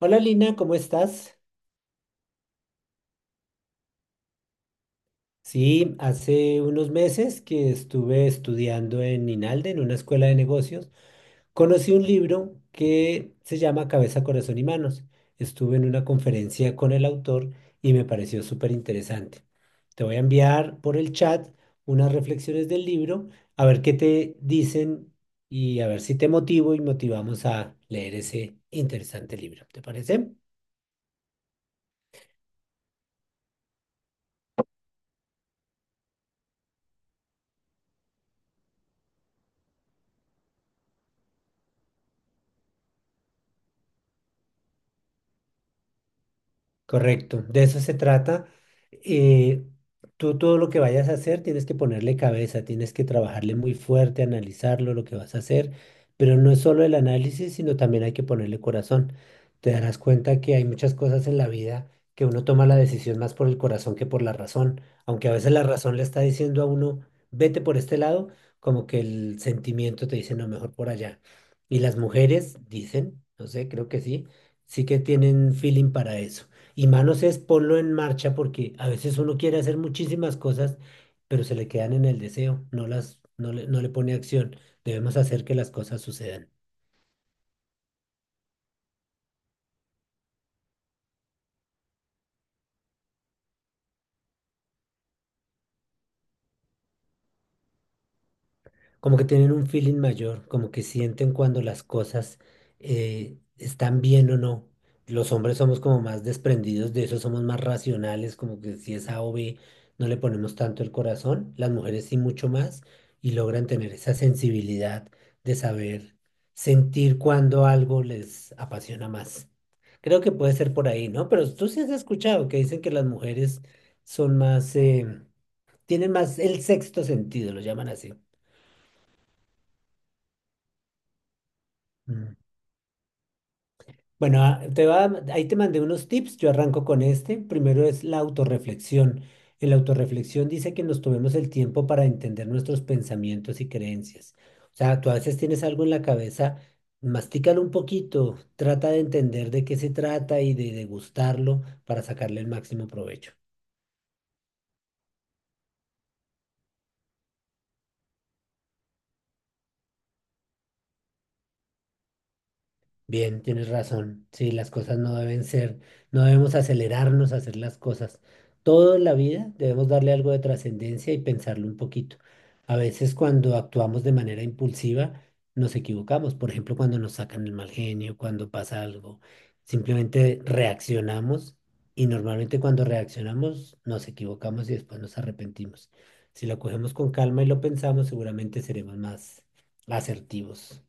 Hola Lina, ¿cómo estás? Sí, hace unos meses que estuve estudiando en INALDE, en una escuela de negocios, conocí un libro que se llama Cabeza, Corazón y Manos. Estuve en una conferencia con el autor y me pareció súper interesante. Te voy a enviar por el chat unas reflexiones del libro, a ver qué te dicen y a ver si te motivo y motivamos a leer ese interesante libro. ¿Te parece? Correcto, de eso se trata. Eh, tú todo lo que vayas a hacer tienes que ponerle cabeza, tienes que trabajarle muy fuerte, analizarlo, lo que vas a hacer, pero no es solo el análisis, sino también hay que ponerle corazón. Te darás cuenta que hay muchas cosas en la vida que uno toma la decisión más por el corazón que por la razón, aunque a veces la razón le está diciendo a uno, vete por este lado, como que el sentimiento te dice, no, mejor por allá. Y las mujeres dicen, no sé, creo que sí, sí que tienen feeling para eso. Y manos es ponlo en marcha porque a veces uno quiere hacer muchísimas cosas, pero se le quedan en el deseo, no le pone acción. Debemos hacer que las cosas sucedan. Como que tienen un feeling mayor, como que sienten cuando las cosas están bien o no. Los hombres somos como más desprendidos de eso, somos más racionales, como que si es A o B, no le ponemos tanto el corazón. Las mujeres sí mucho más y logran tener esa sensibilidad de saber sentir cuando algo les apasiona más. Creo que puede ser por ahí, ¿no? Pero tú sí has escuchado que dicen que las mujeres son más, tienen más el sexto sentido, lo llaman así. Bueno, ahí te mandé unos tips, yo arranco con este. Primero es la autorreflexión. En la autorreflexión dice que nos tomemos el tiempo para entender nuestros pensamientos y creencias. O sea, tú a veces tienes algo en la cabeza, mastícalo un poquito, trata de entender de qué se trata y de degustarlo para sacarle el máximo provecho. Bien, tienes razón. Sí, las cosas no deben ser, no debemos acelerarnos a hacer las cosas. Toda la vida debemos darle algo de trascendencia y pensarlo un poquito. A veces cuando actuamos de manera impulsiva nos equivocamos. Por ejemplo, cuando nos sacan el mal genio, cuando pasa algo, simplemente reaccionamos y normalmente cuando reaccionamos nos equivocamos y después nos arrepentimos. Si lo cogemos con calma y lo pensamos, seguramente seremos más asertivos.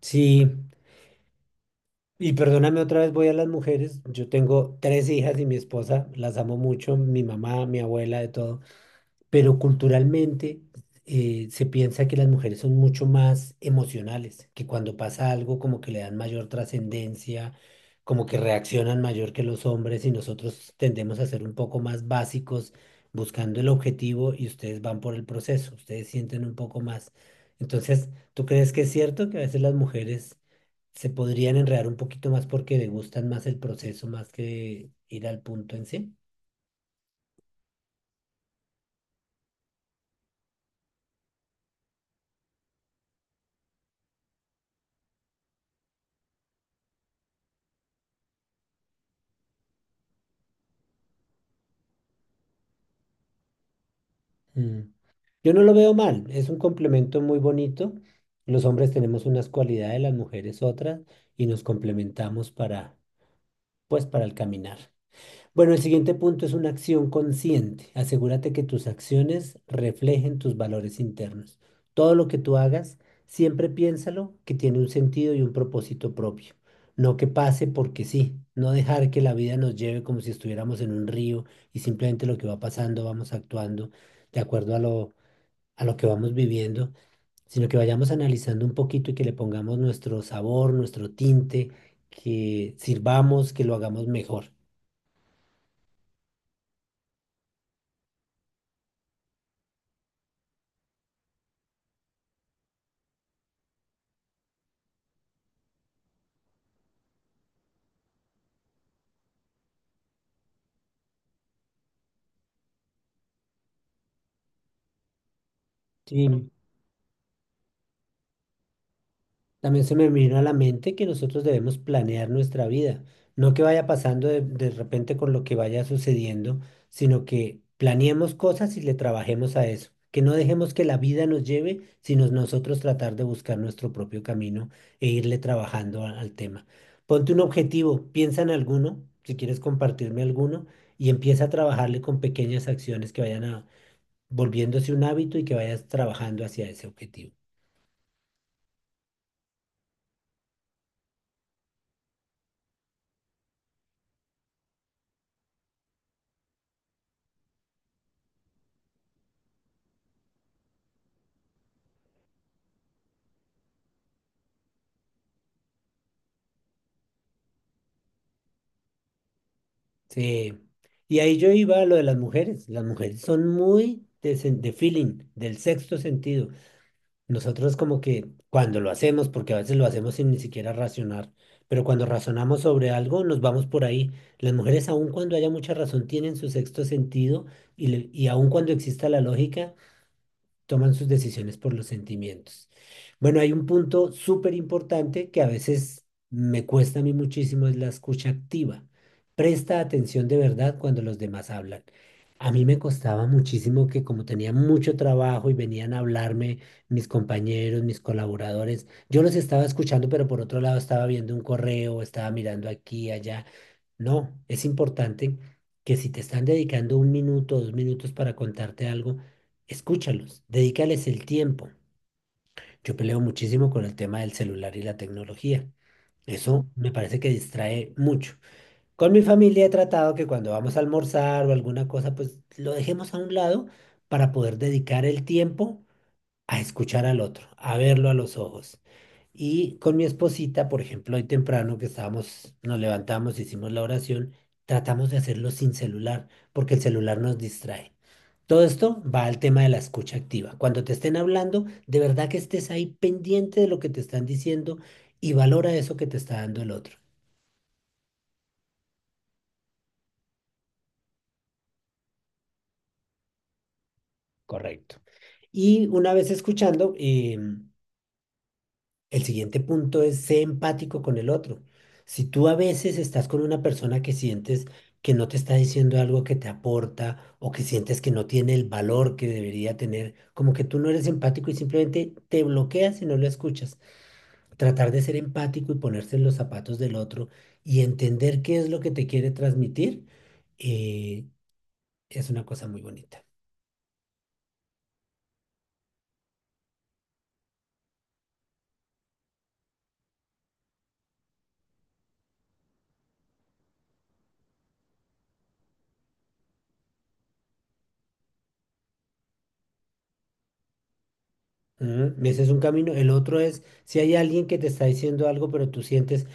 Sí. Y perdóname otra vez, voy a las mujeres. Yo tengo tres hijas y mi esposa, las amo mucho, mi mamá, mi abuela, de todo, pero culturalmente se piensa que las mujeres son mucho más emocionales, que cuando pasa algo como que le dan mayor trascendencia, como que reaccionan mayor que los hombres y nosotros tendemos a ser un poco más básicos buscando el objetivo, y ustedes van por el proceso, ustedes sienten un poco más. Entonces, ¿tú crees que es cierto que a veces las mujeres se podrían enredar un poquito más porque le gustan más el proceso más que ir al punto en sí? Mm. Yo no lo veo mal, es un complemento muy bonito. Los hombres tenemos unas cualidades, las mujeres otras, y nos complementamos para, pues, para el caminar. Bueno, el siguiente punto es una acción consciente. Asegúrate que tus acciones reflejen tus valores internos. Todo lo que tú hagas, siempre piénsalo que tiene un sentido y un propósito propio. No que pase porque sí. No dejar que la vida nos lleve como si estuviéramos en un río y simplemente lo que va pasando vamos actuando de acuerdo a lo que vamos viviendo, sino que vayamos analizando un poquito y que le pongamos nuestro sabor, nuestro tinte, que sirvamos, que lo hagamos mejor. Sí, también se me vino a la mente que nosotros debemos planear nuestra vida, no que vaya pasando de repente con lo que vaya sucediendo, sino que planeemos cosas y le trabajemos a eso, que no dejemos que la vida nos lleve, sino nosotros tratar de buscar nuestro propio camino e irle trabajando al tema. Ponte un objetivo, piensa en alguno, si quieres compartirme alguno, y empieza a trabajarle con pequeñas acciones que vayan a, volviéndose un hábito y que vayas trabajando hacia ese objetivo. Sí. Y ahí yo iba a lo de las mujeres. Las mujeres son muy de, de feeling, del sexto sentido. Nosotros como que cuando lo hacemos, porque a veces lo hacemos sin ni siquiera racionar, pero cuando razonamos sobre algo nos vamos por ahí. Las mujeres aun cuando haya mucha razón tienen su sexto sentido y, y aun cuando exista la lógica toman sus decisiones por los sentimientos. Bueno, hay un punto súper importante que a veces me cuesta a mí muchísimo, es la escucha activa. Presta atención de verdad cuando los demás hablan. A mí me costaba muchísimo que como tenía mucho trabajo y venían a hablarme mis compañeros, mis colaboradores, yo los estaba escuchando, pero por otro lado estaba viendo un correo, estaba mirando aquí, allá. No, es importante que si te están dedicando 1 minuto, 2 minutos para contarte algo, escúchalos, dedícales el tiempo. Yo peleo muchísimo con el tema del celular y la tecnología. Eso me parece que distrae mucho. Con mi familia he tratado que cuando vamos a almorzar o alguna cosa, pues lo dejemos a un lado para poder dedicar el tiempo a escuchar al otro, a verlo a los ojos. Y con mi esposita, por ejemplo, hoy temprano que estábamos, nos levantamos, hicimos la oración, tratamos de hacerlo sin celular, porque el celular nos distrae. Todo esto va al tema de la escucha activa. Cuando te estén hablando, de verdad que estés ahí pendiente de lo que te están diciendo y valora eso que te está dando el otro. Correcto. Y una vez escuchando, el siguiente punto es ser empático con el otro. Si tú a veces estás con una persona que sientes que no te está diciendo algo que te aporta o que sientes que no tiene el valor que debería tener, como que tú no eres empático y simplemente te bloqueas y no lo escuchas. Tratar de ser empático y ponerse en los zapatos del otro y entender qué es lo que te quiere transmitir, eh, es una cosa muy bonita. Ujú, ese es un camino. El otro es si hay alguien que te está diciendo algo, pero tú sientes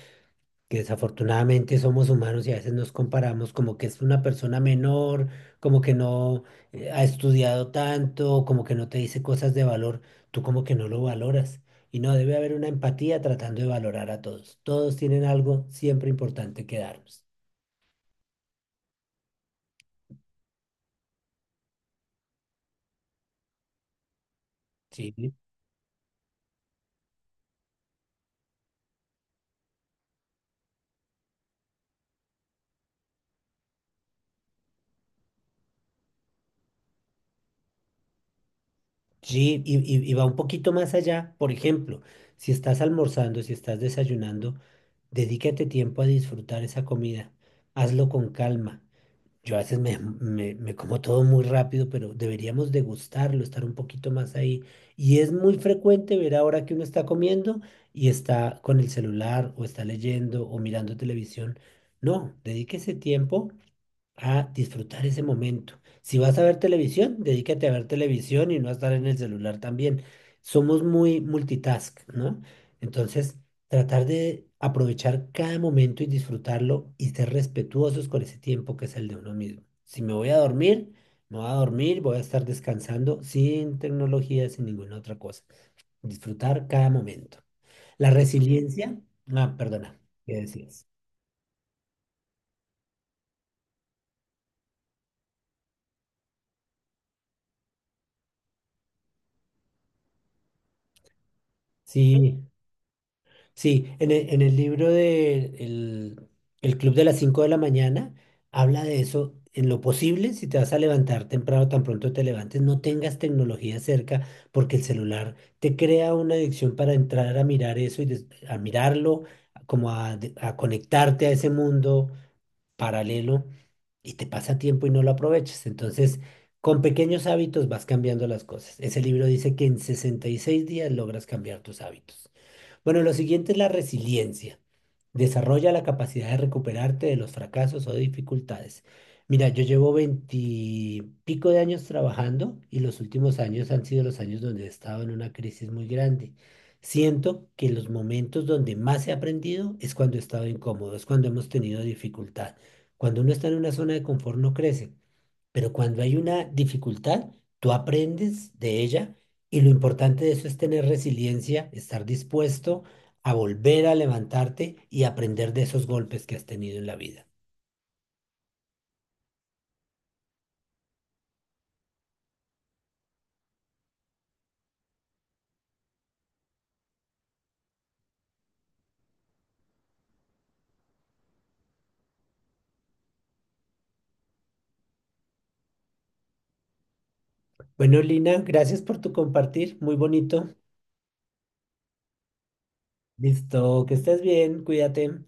que desafortunadamente somos humanos y a veces nos comparamos como que es una persona menor, como que no ha estudiado tanto, como que no te dice cosas de valor, tú como que no lo valoras. Y no, debe haber una empatía tratando de valorar a todos. Todos tienen algo siempre importante que darnos. Sí, sí, y va un poquito más allá. Por ejemplo, si estás almorzando, si estás desayunando, dedícate tiempo a disfrutar esa comida. Hazlo con calma. Yo a veces me como todo muy rápido, pero deberíamos degustarlo, estar un poquito más ahí. Y es muy frecuente ver ahora que uno está comiendo y está con el celular o está leyendo o mirando televisión. No, dedíquese tiempo a disfrutar ese momento. Si vas a ver televisión, dedícate a ver televisión y no a estar en el celular también. Somos muy multitask, ¿no? Entonces, tratar de aprovechar cada momento y disfrutarlo y ser respetuosos con ese tiempo que es el de uno mismo. Si me voy a dormir, me voy a dormir, voy a estar descansando sin tecnología, sin ninguna otra cosa. Disfrutar cada momento. La resiliencia, ah, perdona, ¿qué decías? Sí, sí, en el libro de el Club de las 5 de la mañana habla de eso. En lo posible, si te vas a levantar temprano, tan pronto te levantes, no tengas tecnología cerca porque el celular te crea una adicción para entrar a mirar eso y a mirarlo, como a conectarte a ese mundo paralelo y te pasa tiempo y no lo aprovechas. Entonces, con pequeños hábitos vas cambiando las cosas. Ese libro dice que en 66 días logras cambiar tus hábitos. Bueno, lo siguiente es la resiliencia. Desarrolla la capacidad de recuperarte de los fracasos o dificultades. Mira, yo llevo veintipico de años trabajando y los últimos años han sido los años donde he estado en una crisis muy grande. Siento que los momentos donde más he aprendido es cuando he estado incómodo, es cuando hemos tenido dificultad. Cuando uno está en una zona de confort no crece. Pero cuando hay una dificultad, tú aprendes de ella y lo importante de eso es tener resiliencia, estar dispuesto a volver a levantarte y aprender de esos golpes que has tenido en la vida. Bueno, Lina, gracias por tu compartir, muy bonito. Listo, que estés bien, cuídate.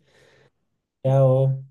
Chao.